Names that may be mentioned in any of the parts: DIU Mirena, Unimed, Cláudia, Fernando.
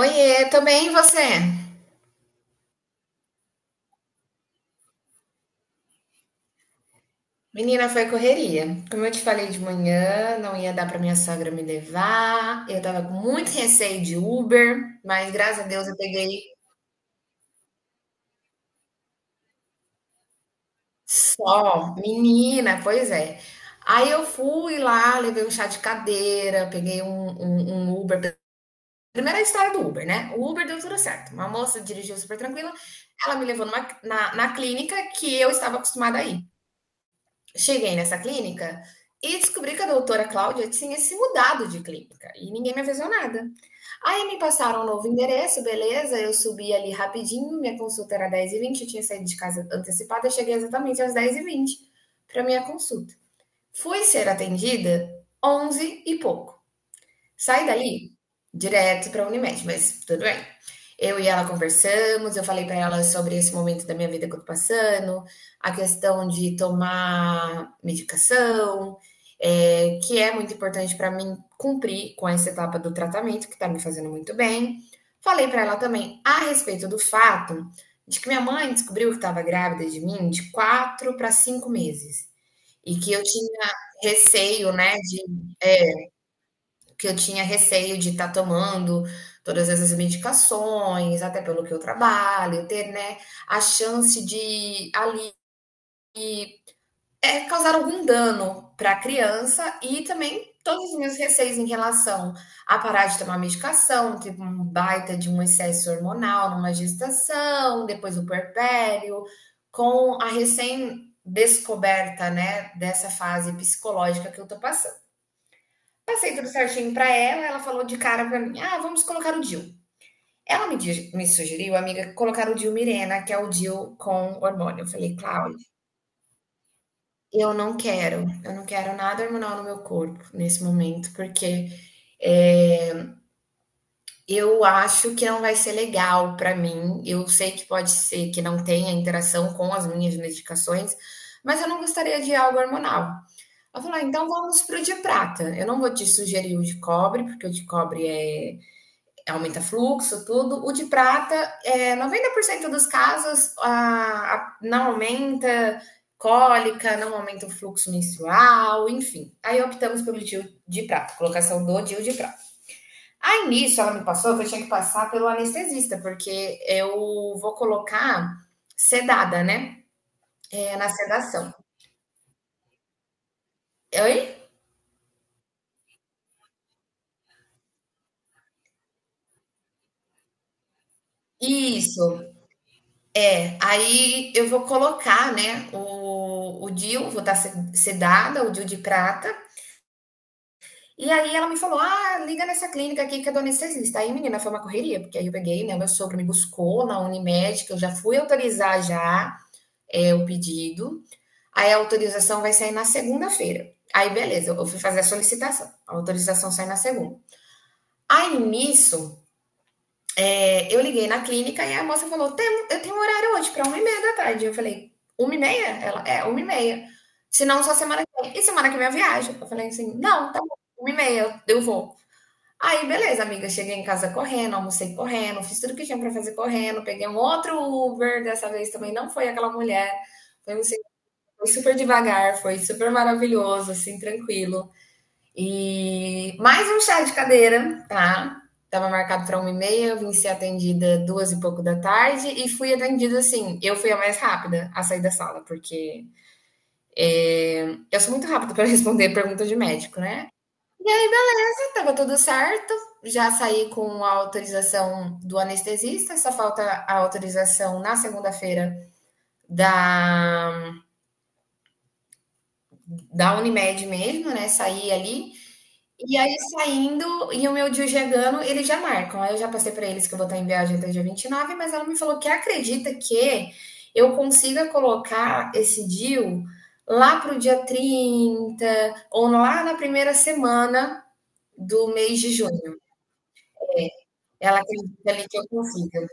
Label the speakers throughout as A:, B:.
A: Oiê, tô bem, e você? Menina, foi correria. Como eu te falei de manhã, não ia dar pra minha sogra me levar. Eu tava com muito receio de Uber, mas graças a Deus eu peguei só. Menina, pois é. Aí eu fui lá, levei um chá de cadeira, peguei um Uber. Primeira história do Uber, né? O Uber deu tudo certo. Uma moça dirigiu super tranquila. Ela me levou na clínica que eu estava acostumada a ir. Cheguei nessa clínica e descobri que a doutora Cláudia tinha se mudado de clínica e ninguém me avisou nada. Aí me passaram um novo endereço, beleza, eu subi ali rapidinho, minha consulta era 10:20, eu tinha saído de casa antecipada, cheguei exatamente às 10:20 para minha consulta. Fui ser atendida 11 e pouco. Saí dali direto para a Unimed, mas tudo bem. Eu e ela conversamos, eu falei para ela sobre esse momento da minha vida que eu tô passando, a questão de tomar medicação, que é muito importante para mim cumprir com essa etapa do tratamento, que tá me fazendo muito bem. Falei para ela também a respeito do fato de que minha mãe descobriu que estava grávida de mim de 4 para 5 meses e que eu tinha receio, né, de que eu tinha receio de estar tomando todas essas medicações, até pelo que eu trabalho, ter, né, a chance de ali causar algum dano para a criança e também todos os meus receios em relação a parar de tomar medicação. Teve um baita de um excesso hormonal numa gestação, depois o puerpério, com a recém descoberta, né, dessa fase psicológica que eu tô passando tudo certinho pra ela. Ela falou de cara pra mim: ah, vamos colocar o DIU. Ela me sugeriu, amiga, colocar o DIU Mirena, que é o DIU com hormônio. Eu falei, Cláudia, eu não quero nada hormonal no meu corpo nesse momento, porque é, eu acho que não vai ser legal pra mim. Eu sei que pode ser que não tenha interação com as minhas medicações, mas eu não gostaria de algo hormonal. Ela falou: ah, então vamos pro de prata. Eu não vou te sugerir o de cobre, porque o de cobre aumenta fluxo, tudo. O de prata, 90% dos casos não aumenta cólica, não aumenta o fluxo menstrual, enfim. Aí optamos pelo DIU de prata, colocação do DIU de prata. Aí nisso ela me passou que eu tinha que passar pelo anestesista, porque eu vou colocar sedada, né? É, na sedação. Oi? Isso, é. Aí eu vou colocar, né, o DIU, vou estar sedada, o DIU de prata. E aí ela me falou: ah, liga nessa clínica aqui que é do anestesista. Aí, menina, foi uma correria, porque aí eu peguei, né? Meu sogro me buscou na Unimed, que eu já fui autorizar já o pedido. Aí a autorização vai sair na segunda-feira. Aí, beleza, eu fui fazer a solicitação. A autorização sai na segunda. Aí, nisso, eu liguei na clínica e a moça falou: eu tenho um horário hoje para 1:30 da tarde. Eu falei, 1:30? Ela, é, 1:30. Se não, só semana que vem. E semana que vem eu viajo. Eu falei assim, não, tá bom, 1:30, eu vou. Aí, beleza, amiga. Cheguei em casa correndo, almocei correndo, fiz tudo que tinha pra fazer correndo. Peguei um outro Uber, dessa vez também não foi aquela mulher. Foi, um sen- foi super devagar, foi super maravilhoso, assim, tranquilo. E mais um chá de cadeira, tá? Tava marcado pra 1:30, vim ser atendida duas e pouco da tarde e fui atendida assim. Eu fui a mais rápida a sair da sala, porque eu sou muito rápida para responder pergunta de médico, né? Tava tudo certo, já saí com a autorização do anestesista, só falta a autorização na segunda-feira da, da Unimed mesmo, né? Saí ali. E aí, saindo, e o meu dia chegando, eles já marcam. Aí eu já passei para eles que eu vou estar em viagem até dia 29, mas ela me falou que acredita que eu consiga colocar esse deal lá pro dia 30 ou lá na primeira semana do mês de junho. Ela acredita ali que eu consiga.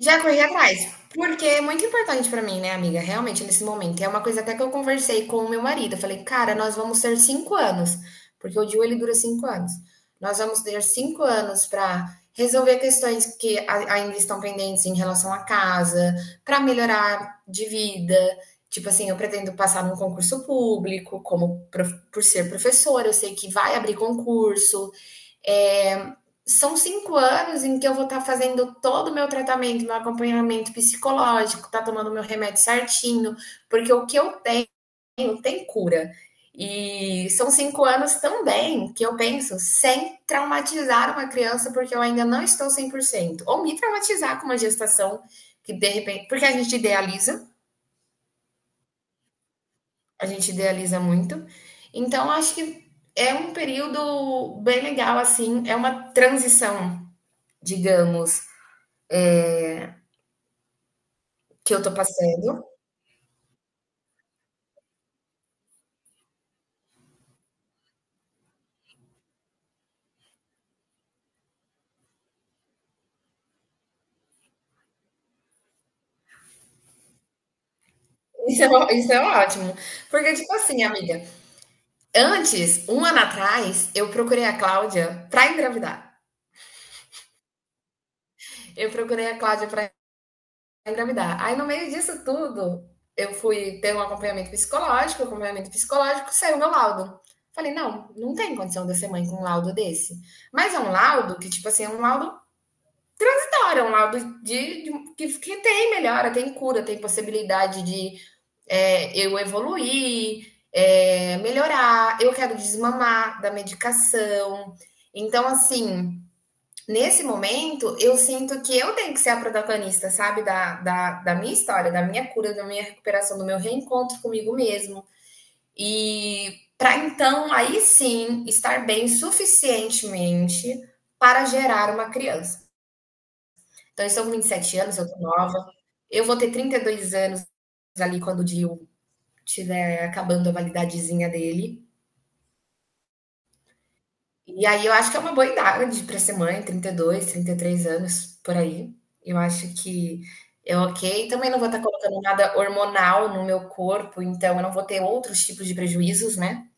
A: Já corri atrás, porque é muito importante pra mim, né, amiga? Realmente, nesse momento. E é uma coisa até que eu conversei com o meu marido. Eu falei, cara, nós vamos ter 5 anos, porque o DIU ele dura 5 anos. Nós vamos ter cinco anos para resolver questões que ainda estão pendentes em relação à casa, para melhorar de vida. Tipo assim, eu pretendo passar num concurso público, por ser professora, eu sei que vai abrir concurso. É, são 5 anos em que eu vou estar tá fazendo todo o meu tratamento, meu acompanhamento psicológico, tá tomando meu remédio certinho, porque o que eu tenho tem cura. E são 5 anos também que eu penso sem traumatizar uma criança, porque eu ainda não estou 100%. Ou me traumatizar com uma gestação que de repente. Porque a gente idealiza muito. Então, acho que é um período bem legal, assim, é uma transição, digamos, que eu tô passando. Isso é ótimo. Porque, tipo assim, amiga, antes, um ano atrás, eu procurei a Cláudia pra engravidar. Eu procurei a Cláudia pra engravidar. Aí, no meio disso tudo, eu fui ter um acompanhamento psicológico, saiu meu laudo. Falei, não, não tem condição de eu ser mãe com um laudo desse. Mas é um laudo que, tipo assim, é um laudo da hora, é um laudo que tem melhora, tem cura, tem possibilidade de eu evoluir, melhorar, eu quero desmamar da medicação. Então, assim, nesse momento, eu sinto que eu tenho que ser a protagonista, sabe? Da minha história, da minha cura, da minha recuperação, do meu reencontro comigo mesmo. E para então, aí sim, estar bem suficientemente para gerar uma criança. Então, eu estou com 27 anos, eu tô nova. Eu vou ter 32 anos ali quando o Dio tiver acabando a validadezinha dele. E aí eu acho que é uma boa idade para ser mãe, 32, 33 anos, por aí. Eu acho que é ok. Também não vou estar colocando nada hormonal no meu corpo, então eu não vou ter outros tipos de prejuízos, né?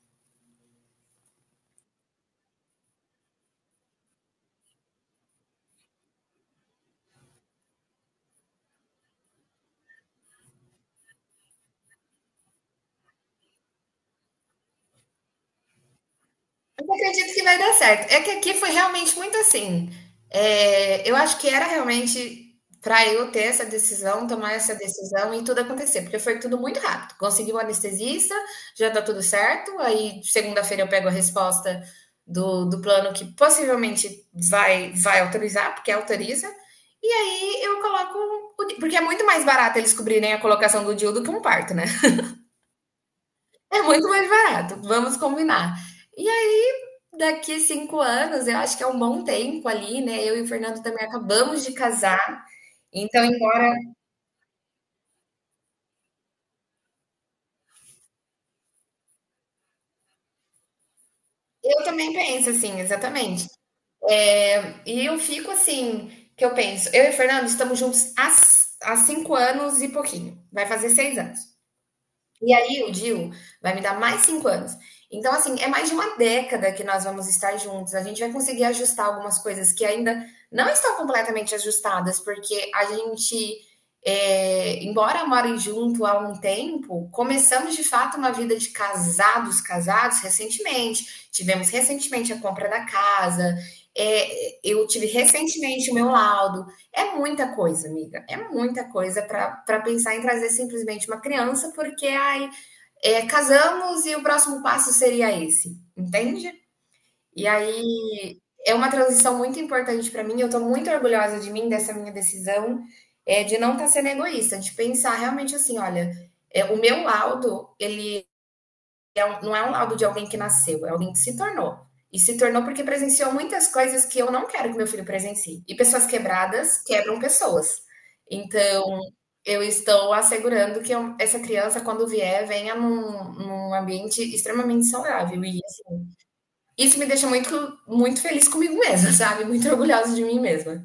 A: Eu acredito que vai dar certo. É que aqui foi realmente muito assim. É, eu acho que era realmente para eu ter essa decisão, tomar essa decisão e tudo acontecer, porque foi tudo muito rápido. Consegui o anestesista, já tá tudo certo. Aí segunda-feira eu pego a resposta do plano que possivelmente vai autorizar, porque autoriza. E aí eu coloco. Porque é muito mais barato eles cobrirem a colocação do DIU do que um parto, né? É muito mais barato, vamos combinar. E aí, daqui 5 anos, eu acho que é um bom tempo ali, né? Eu e o Fernando também acabamos de casar. Então, eu também penso assim, exatamente. E eu fico assim, que eu penso, eu e o Fernando estamos juntos há, há 5 anos e pouquinho. Vai fazer 6 anos. E aí o Dil vai me dar mais 5 anos. Então, assim, é mais de uma década que nós vamos estar juntos. A gente vai conseguir ajustar algumas coisas que ainda não estão completamente ajustadas, porque a gente, embora morem junto há um tempo, começamos de fato uma vida de casados, casados recentemente. Tivemos recentemente a compra da casa, eu tive recentemente o meu laudo. É muita coisa, amiga. É muita coisa para pensar em trazer simplesmente uma criança, porque ai, casamos e o próximo passo seria esse, entende? E aí é uma transição muito importante para mim. Eu estou muito orgulhosa de mim, dessa minha decisão, de não estar sendo egoísta, de pensar realmente assim: olha, o meu laudo, ele é não é um laudo de alguém que nasceu, é alguém que se tornou. E se tornou porque presenciou muitas coisas que eu não quero que meu filho presencie. E pessoas quebradas quebram pessoas. Então, eu estou assegurando que essa criança, quando vier, venha num ambiente extremamente saudável. E assim, isso me deixa muito, muito feliz comigo mesma, sabe? Muito orgulhosa de mim mesma.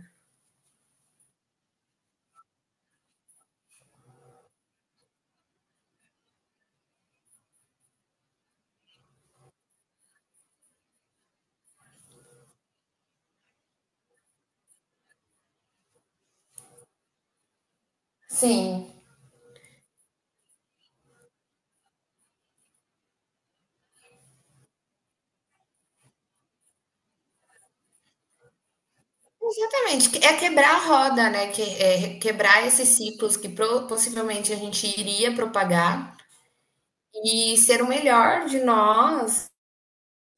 A: Sim, exatamente. É quebrar a roda, né? Que, é quebrar esses ciclos que possivelmente a gente iria propagar e ser o melhor de nós.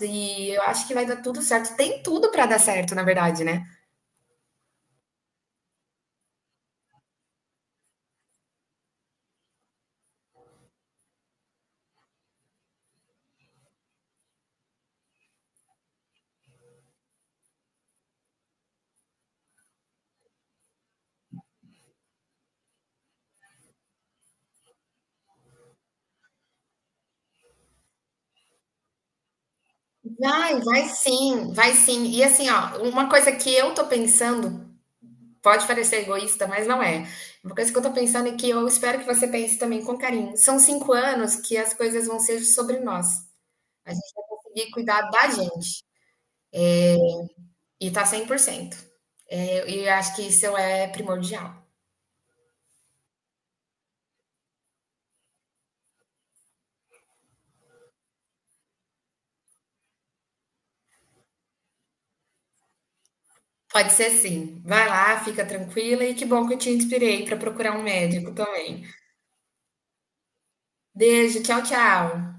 A: E eu acho que vai dar tudo certo. Tem tudo para dar certo, na verdade, né? Vai, vai sim, vai sim. E assim, ó, uma coisa que eu tô pensando, pode parecer egoísta, mas não é. Uma coisa que eu tô pensando e que eu espero que você pense também com carinho. São cinco anos que as coisas vão ser sobre nós. A gente vai conseguir cuidar da gente e tá 100%. E eu acho que isso é primordial. Pode ser sim. Vai lá, fica tranquila e que bom que eu te inspirei para procurar um médico também. Beijo, tchau, tchau.